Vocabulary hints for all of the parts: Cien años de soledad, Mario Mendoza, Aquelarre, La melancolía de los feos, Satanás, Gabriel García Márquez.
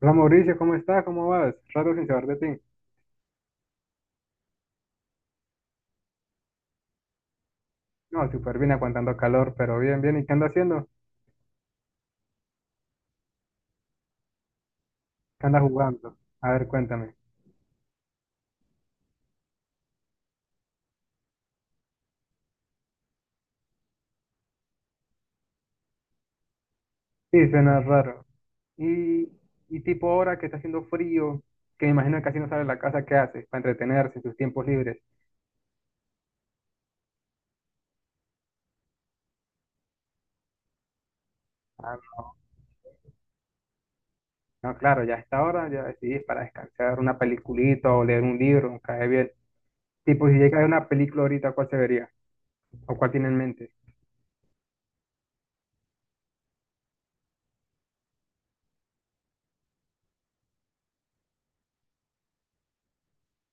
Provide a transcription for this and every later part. Hola Mauricio, ¿cómo estás? ¿Cómo vas? Rato sin saber de ti. No, súper bien, aguantando calor, pero bien, bien. ¿Y qué andas haciendo? ¿Qué andas jugando? A ver, cuéntame. Sí, suena raro. Y, y tipo ahora que está haciendo frío, que me imagino que casi no sale de la casa, ¿qué haces para entretenerse en sus tiempos libres? Ah, no. No, claro, ya a esta hora ya decidís para descansar una peliculita o leer un libro, cae bien. Tipo, si llega a ver una película ahorita, ¿cuál se vería? ¿O cuál tiene en mente?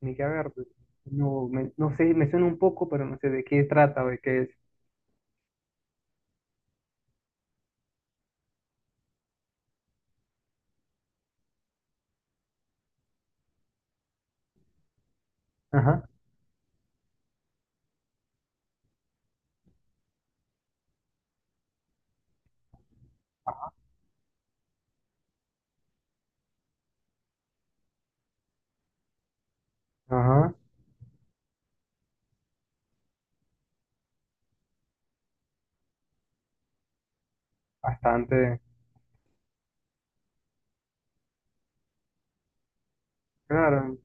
Ni que ver, pues. No, no sé, me suena un poco, pero no sé de qué trata o de qué es. Ajá. Ajá, bastante. Claro.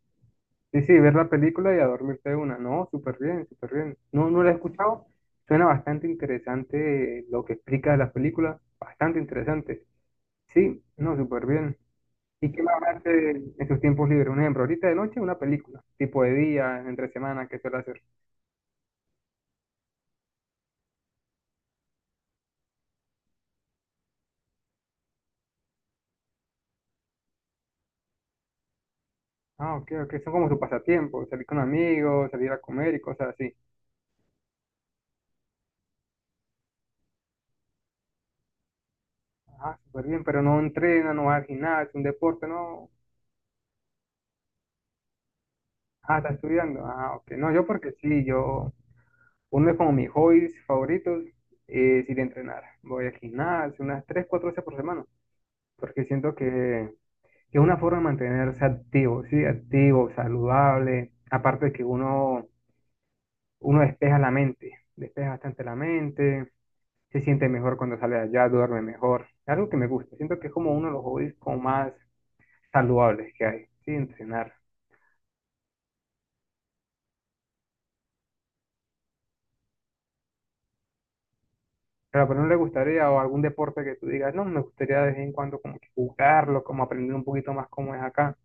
Sí, sí, ver la película y a dormirte de una. No, súper bien, súper bien. No, no la he escuchado. Suena bastante interesante lo que explica la película. Bastante interesante. Sí, no, súper bien. ¿Y qué más hace en sus tiempos libres? Un ejemplo, ahorita de noche una película, tipo de día, entre semana, ¿qué suele hacer? Ah, ok, ok, son como su pasatiempo, salir con amigos, salir a comer y cosas así. Ah, súper bien, pero no entrena, no va al gimnasio, un deporte, no. Ah, está estudiando. Ah, ok, no, yo porque sí, yo uno de como mis hobbies favoritos es ir a entrenar. Voy al gimnasio unas 3 4 veces por semana, porque siento que es una forma de mantenerse activo, ¿sí? Activo, saludable. Aparte de que uno despeja la mente, despeja bastante la mente, se siente mejor cuando sale de allá, duerme mejor. Algo que me gusta. Siento que es como uno de los hobbies como más saludables que hay, ¿sí? Entrenar. Pero no le gustaría, o algún deporte que tú digas, no, me gustaría de vez en cuando como que jugarlo, como aprender un poquito más cómo es acá.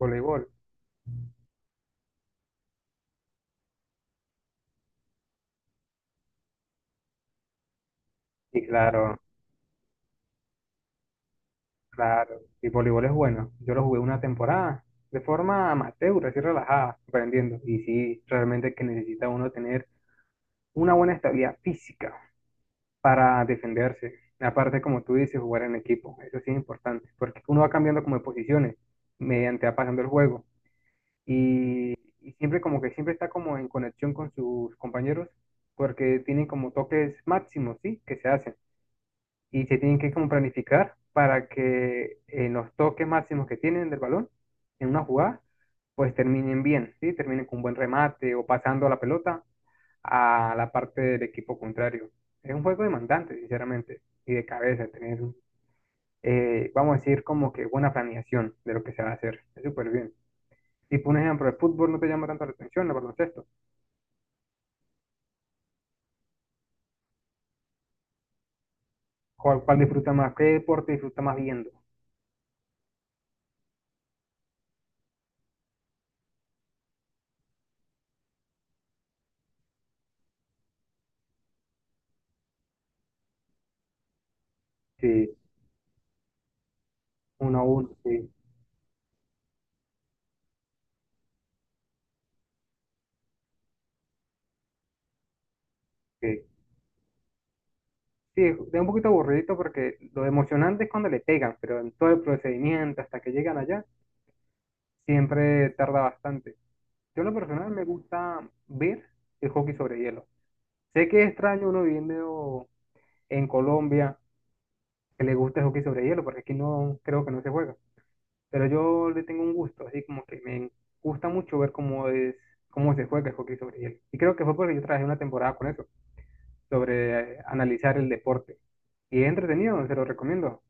Voleibol. Y claro, claro. Y voleibol es bueno. Yo lo jugué una temporada de forma amateur, así relajada, aprendiendo. Y sí, realmente que necesita uno tener una buena estabilidad física para defenderse. Aparte, como tú dices, jugar en equipo. Eso sí es importante, porque uno va cambiando como de posiciones mediante va pasando el juego. Y, y siempre como que siempre está como en conexión con sus compañeros, porque tienen como toques máximos, ¿sí? Que se hacen, y se tienen que como planificar para que en los toques máximos que tienen del balón en una jugada, pues terminen bien, ¿sí? Terminen con un buen remate o pasando la pelota a la parte del equipo contrario. Es un juego demandante, sinceramente, y de cabeza, tener, vamos a decir, como que buena planeación de lo que se va a hacer. Es súper bien. Si por ejemplo, el fútbol no te llama tanto la atención, el baloncesto. Cuál disfruta más? ¿Qué deporte disfruta más viendo? Sí, uno a uno, sí. Sí. Sí, es un poquito aburridito porque lo emocionante es cuando le pegan, pero en todo el procedimiento hasta que llegan allá, siempre tarda bastante. Yo en lo personal me gusta ver el hockey sobre hielo. Sé que es extraño uno viviendo en Colombia que le gusta el hockey sobre hielo, porque aquí no creo que no se juega. Pero yo le tengo un gusto, así como que me gusta mucho ver cómo es, cómo se juega el hockey sobre hielo. Y creo que fue porque yo trabajé una temporada con eso, sobre analizar el deporte. Y es entretenido, se lo recomiendo.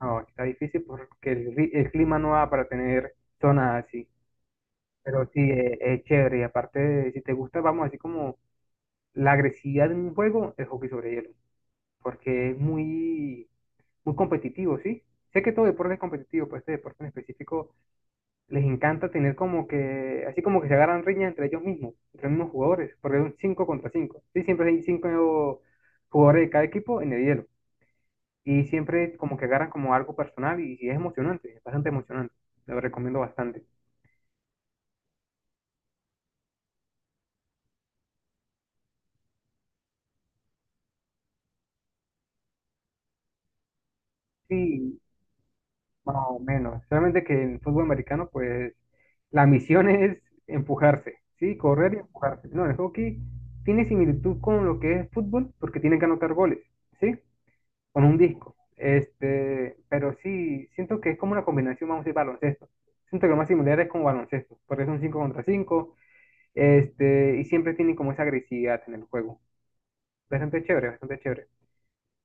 No, está difícil porque el clima no va para tener zonas así. Pero sí, es chévere. Y aparte, si te gusta, vamos, así como la agresividad en un juego, el hockey sobre hielo. Porque es muy competitivo, ¿sí? Sé que todo deporte es competitivo, pero este deporte en específico les encanta tener como que, así como que se agarran riñas entre ellos mismos, entre los mismos jugadores, porque es un 5 contra cinco. Sí, siempre hay 5 jugadores de cada equipo en el hielo. Y siempre como que agarran como algo personal y es emocionante, es bastante emocionante. Lo recomiendo bastante. Sí, más o menos. Solamente que en fútbol americano, pues, la misión es empujarse, ¿sí? Correr y empujarse. No, el hockey tiene similitud con lo que es fútbol porque tienen que anotar goles, ¿sí? Con un disco. Este, pero sí, siento que es como una combinación, vamos a decir, baloncesto. Siento que lo más similar es con baloncesto, porque es un 5 contra 5 este, y siempre tienen como esa agresividad en el juego. Bastante chévere, bastante chévere.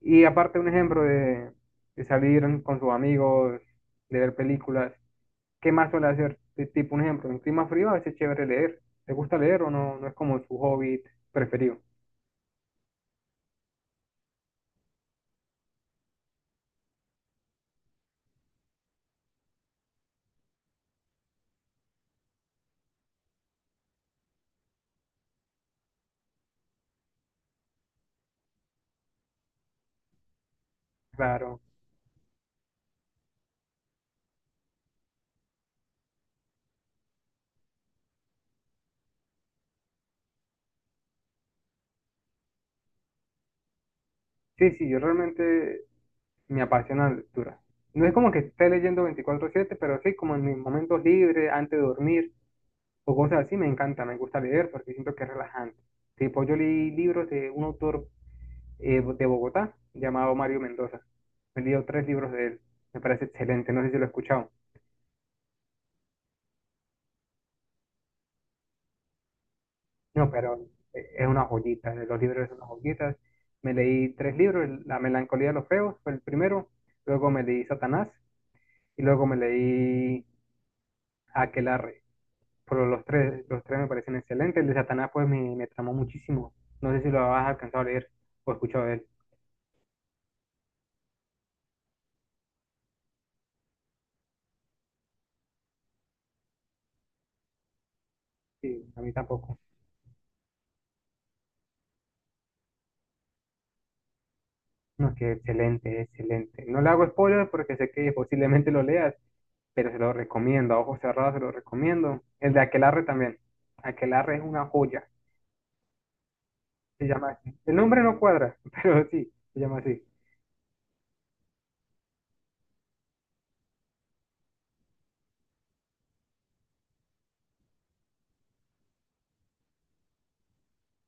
Y aparte un ejemplo de salir con sus amigos, de ver películas, ¿qué más suele hacer? Tipo un ejemplo, en clima frío a veces es chévere leer. ¿Te gusta leer o no? No es como su hobby preferido. Claro. Sí, sí, yo realmente me apasiona la lectura. No es como que esté leyendo 24/7, pero sí como en mis momentos libres, antes de dormir o cosas así, me encanta, me gusta leer porque siento que es relajante. Tipo, yo leí libros de un autor de Bogotá llamado Mario Mendoza. He leído tres libros de él. Me parece excelente. No sé si lo he escuchado. No, pero es una joyita. Los libros son unas joyitas. Me leí tres libros. La melancolía de los feos fue el primero. Luego me leí Satanás. Y luego me leí Aquelarre. Pero los tres me parecen excelentes. El de Satanás pues me tramó muchísimo. No sé si lo has alcanzado a leer o escuchado de él. Sí, a mí tampoco. No, es que excelente, excelente. No le hago spoilers porque sé que posiblemente lo leas, pero se lo recomiendo, a ojos cerrados se lo recomiendo. El de Aquelarre también. Aquelarre es una joya, se llama así. El nombre no cuadra, pero sí, se llama así.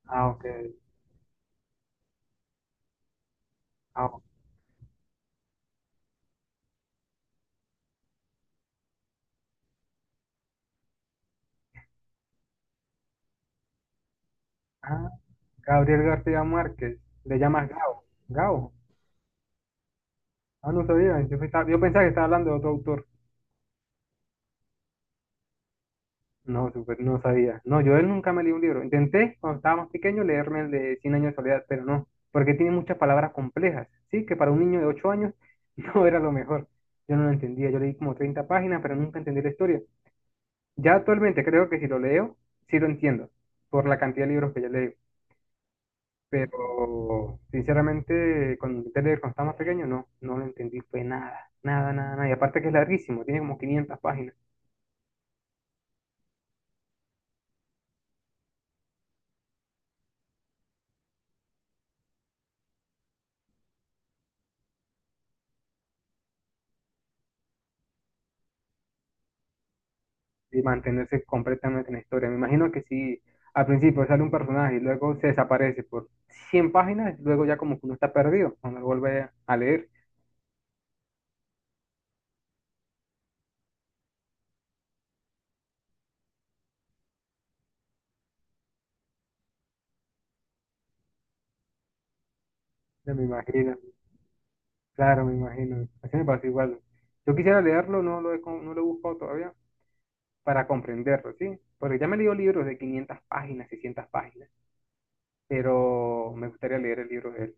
Ah, ok. Ah, ok. Ah, Gabriel García Márquez, le llamas Gao. Gao. Ah, no sabía, yo pensaba que estaba hablando de otro autor. No, súper, no sabía. No, yo de él nunca me leí un libro. Intenté, cuando estaba más pequeño, leerme el de Cien años de soledad, pero no, porque tiene muchas palabras complejas, ¿sí? Que para un niño de 8 años no era lo mejor. Yo no lo entendía, yo leí como 30 páginas, pero nunca entendí la historia. Ya actualmente creo que si lo leo, sí lo entiendo, por la cantidad de libros que ya leo. Pero, sinceramente, cuando intenté leer cuando estaba más pequeño, no, no lo entendí, fue nada, nada, nada, nada. Y aparte que es larguísimo, tiene como 500 páginas. Y mantenerse completamente en la historia. Me imagino que si al principio sale un personaje y luego se desaparece por 100 páginas, luego ya como que uno está perdido cuando lo vuelve a leer. Ya me imagino, claro, me imagino. Así me pasa igual. Yo quisiera leerlo, no lo he, no lo he buscado todavía para comprenderlo, ¿sí? Porque ya me he leído libros de 500 páginas, 600 páginas, pero me gustaría leer el libro de él.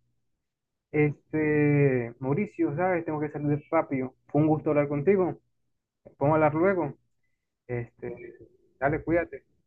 Este, Mauricio, ¿sabes? Tengo que salir rápido. Fue un gusto hablar contigo. Podemos hablar luego. Este, dale, cuídate.